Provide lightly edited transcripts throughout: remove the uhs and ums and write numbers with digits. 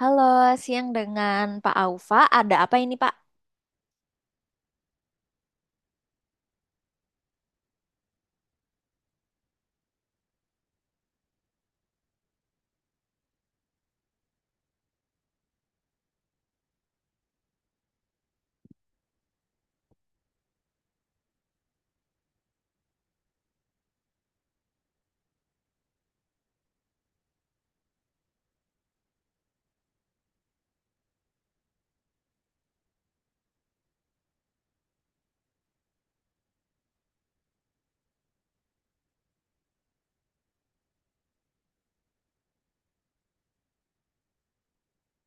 Halo, siang dengan Pak Aufa. Ada apa ini, Pak?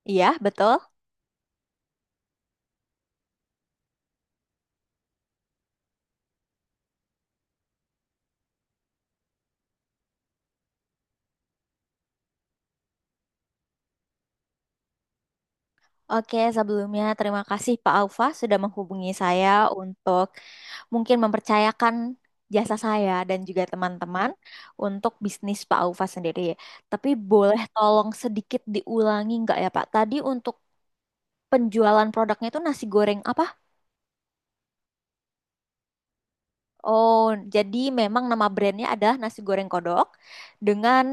Iya, betul. Oke, sebelumnya terima kasih Pak Aufa sudah menghubungi saya untuk mungkin mempercayakan jasa saya dan juga teman-teman untuk bisnis Pak Aufa sendiri. Tapi boleh tolong sedikit diulangi nggak ya, Pak? Tadi untuk penjualan produknya itu nasi goreng apa? Oh, jadi memang nama brandnya adalah nasi goreng kodok dengan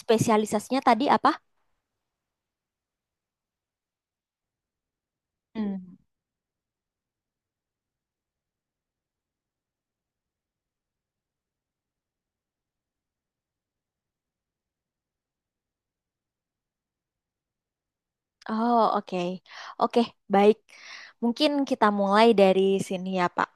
spesialisasinya tadi apa? Hmm. Oh, oke. Oke, baik. Mungkin kita mulai dari sini ya, Pak.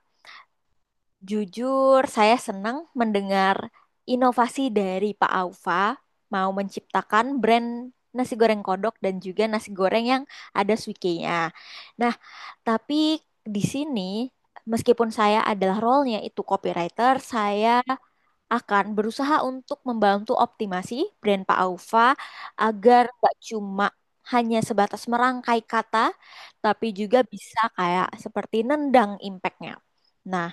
Jujur, saya senang mendengar inovasi dari Pak Aufa mau menciptakan brand nasi goreng kodok dan juga nasi goreng yang ada suikenya. Nah, tapi di sini meskipun saya adalah role-nya itu copywriter, saya akan berusaha untuk membantu optimasi brand Pak Aufa agar nggak cuma hanya sebatas merangkai kata, tapi juga bisa kayak seperti nendang impactnya. Nah,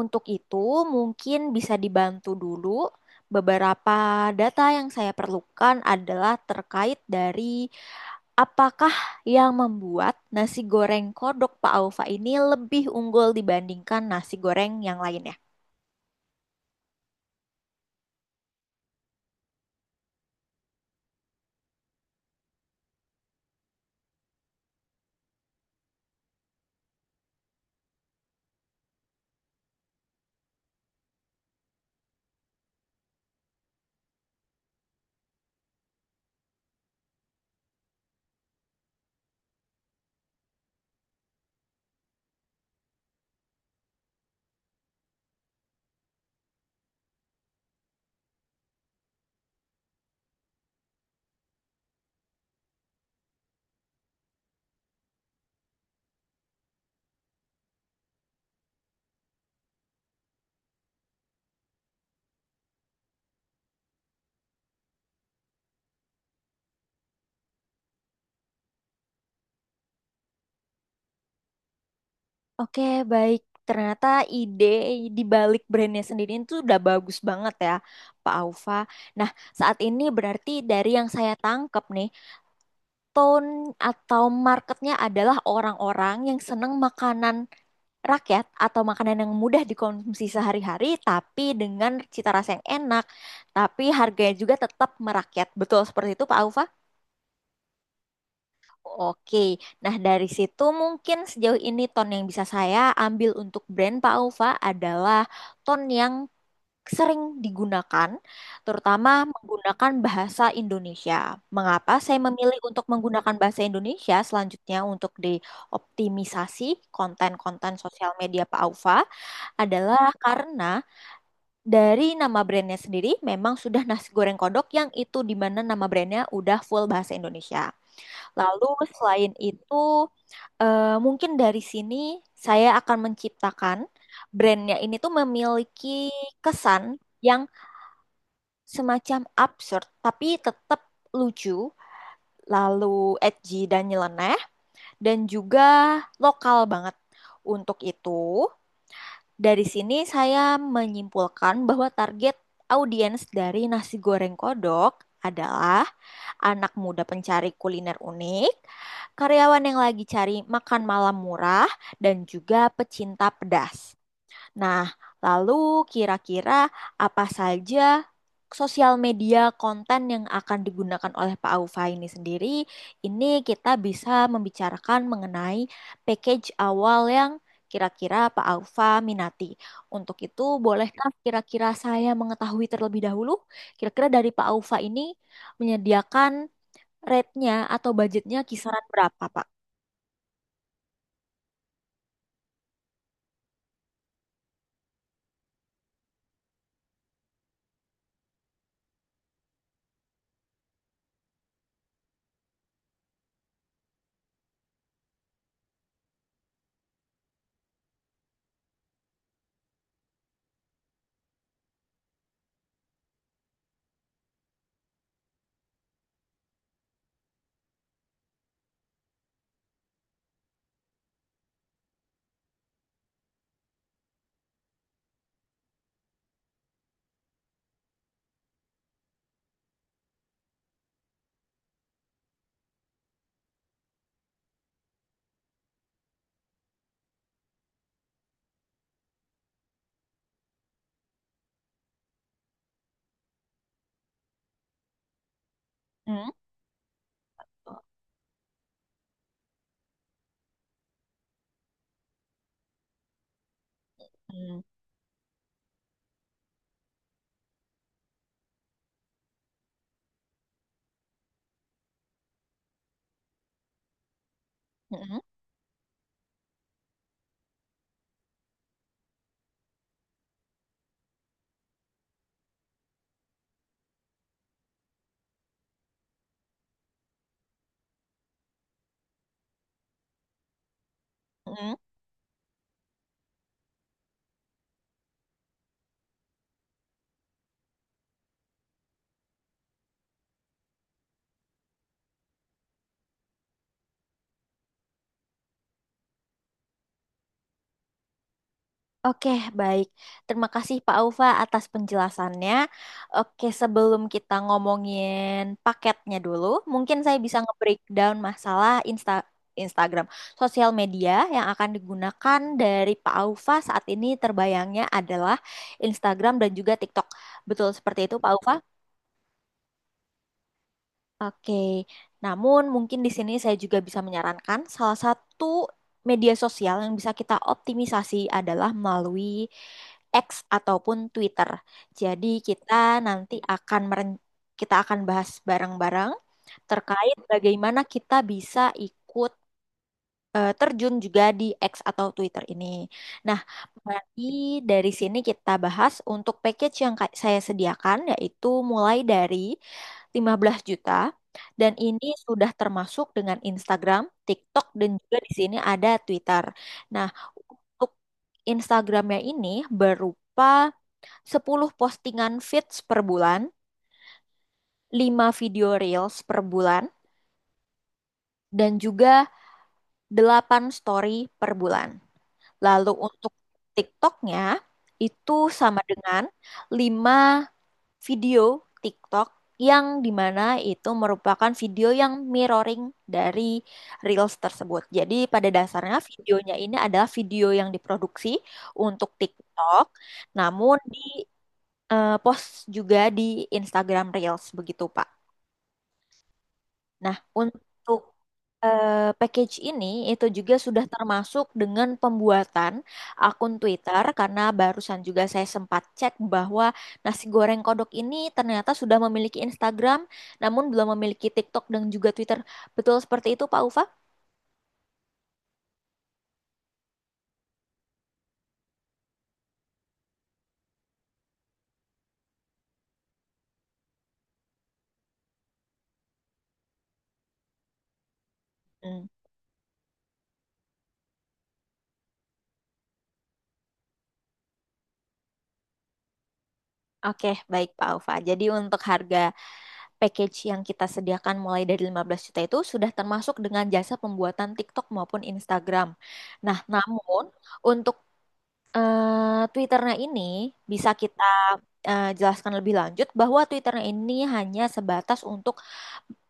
untuk itu mungkin bisa dibantu dulu beberapa data yang saya perlukan adalah terkait dari apakah yang membuat nasi goreng kodok Pak Aufa ini lebih unggul dibandingkan nasi goreng yang lainnya. Oke, baik. Ternyata ide di balik brandnya sendiri itu udah bagus banget ya, Pak Aufa. Nah, saat ini berarti dari yang saya tangkap nih, tone atau marketnya adalah orang-orang yang seneng makanan rakyat atau makanan yang mudah dikonsumsi sehari-hari, tapi dengan cita rasa yang enak, tapi harganya juga tetap merakyat. Betul seperti itu, Pak Aufa? Oke, nah dari situ mungkin sejauh ini tone yang bisa saya ambil untuk brand Pak Alfa adalah tone yang sering digunakan, terutama menggunakan bahasa Indonesia. Mengapa saya memilih untuk menggunakan bahasa Indonesia selanjutnya untuk dioptimisasi konten-konten sosial media Pak Alfa adalah karena dari nama brandnya sendiri memang sudah nasi goreng kodok yang itu di mana nama brandnya udah full bahasa Indonesia. Lalu selain itu, mungkin dari sini saya akan menciptakan brandnya ini tuh memiliki kesan yang semacam absurd, tapi tetap lucu, lalu edgy dan nyeleneh, dan juga lokal banget. Untuk itu, dari sini saya menyimpulkan bahwa target audiens dari nasi goreng kodok adalah anak muda pencari kuliner unik, karyawan yang lagi cari makan malam murah, dan juga pecinta pedas. Nah, lalu kira-kira apa saja sosial media konten yang akan digunakan oleh Pak Aufa ini sendiri? Ini kita bisa membicarakan mengenai package awal yang kira-kira Pak Aufa minati. Untuk itu, bolehkah kira-kira saya mengetahui terlebih dahulu, kira-kira dari Pak Aufa ini menyediakan Rate-nya atau budgetnya kisaran berapa, Pak? Hmm. Hmm. Hmm. Hmm. Oke, baik. Terima kasih Pak Ufa atas penjelasannya. Oke, sebelum kita ngomongin paketnya dulu, mungkin saya bisa nge-breakdown masalah Instagram, sosial media yang akan digunakan dari Pak Ufa saat ini terbayangnya adalah Instagram dan juga TikTok. Betul seperti itu, Pak Ufa? Oke, namun mungkin di sini saya juga bisa menyarankan salah satu media sosial yang bisa kita optimisasi adalah melalui X ataupun Twitter. Jadi kita nanti akan meren- kita akan bahas bareng-bareng terkait bagaimana kita bisa ikut terjun juga di X atau Twitter ini. Nah, mari dari sini kita bahas untuk package yang saya sediakan yaitu mulai dari 15 juta dan ini sudah termasuk dengan Instagram, TikTok dan juga di sini ada Twitter. Nah, untuk Instagramnya ini berupa 10 postingan feeds per bulan, 5 video reels per bulan dan juga 8 story per bulan. Lalu untuk TikToknya itu sama dengan 5 video TikTok yang dimana itu merupakan video yang mirroring dari Reels tersebut. Jadi pada dasarnya videonya ini adalah video yang diproduksi untuk TikTok, namun di post juga di Instagram Reels begitu, Pak. Nah, untuk package ini itu juga sudah termasuk dengan pembuatan akun Twitter karena barusan juga saya sempat cek bahwa nasi goreng kodok ini ternyata sudah memiliki Instagram namun belum memiliki TikTok dan juga Twitter. Betul seperti itu, Pak Ufa? Hmm. Oke, baik Pak Ufa. Jadi untuk harga package yang kita sediakan mulai dari 15 juta itu sudah termasuk dengan jasa pembuatan TikTok maupun Instagram. Nah, namun untuk eh Twitternya ini bisa kita jelaskan lebih lanjut bahwa Twitternya ini hanya sebatas untuk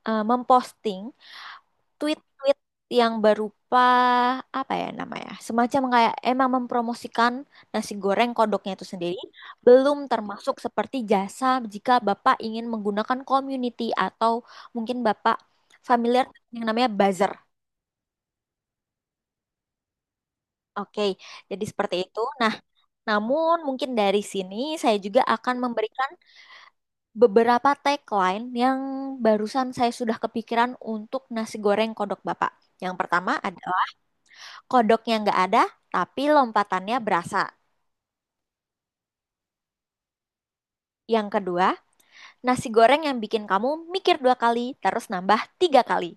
memposting tweet-tweet yang berupa apa ya namanya, semacam kayak emang mempromosikan nasi goreng kodoknya itu sendiri, belum termasuk seperti jasa jika Bapak ingin menggunakan community atau mungkin Bapak familiar yang namanya buzzer. Oke, jadi seperti itu. Nah, namun mungkin dari sini saya juga akan memberikan beberapa tagline yang barusan saya sudah kepikiran untuk nasi goreng kodok Bapak. Yang pertama adalah kodoknya nggak ada, tapi lompatannya berasa. Yang kedua, nasi goreng yang bikin kamu mikir dua kali, terus nambah tiga kali.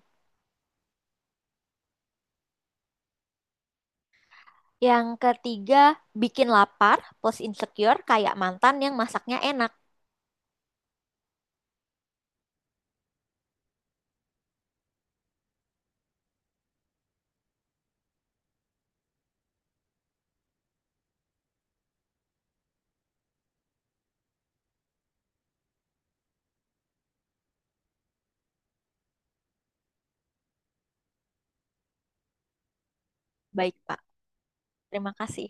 Yang ketiga, bikin lapar plus insecure kayak mantan yang masaknya enak. Baik, Pak. Terima kasih.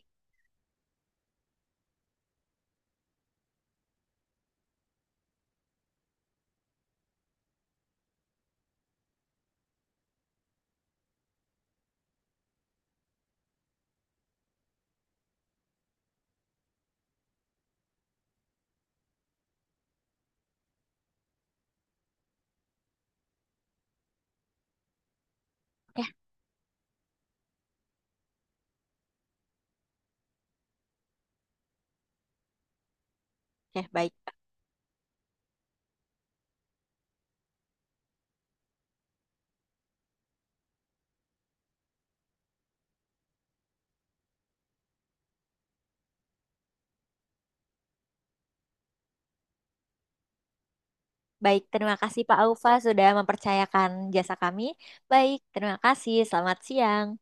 Ya, ya, baik. Baik, terima kasih Pak Aufa sudah mempercayakan jasa kami. Baik, terima kasih. Selamat siang.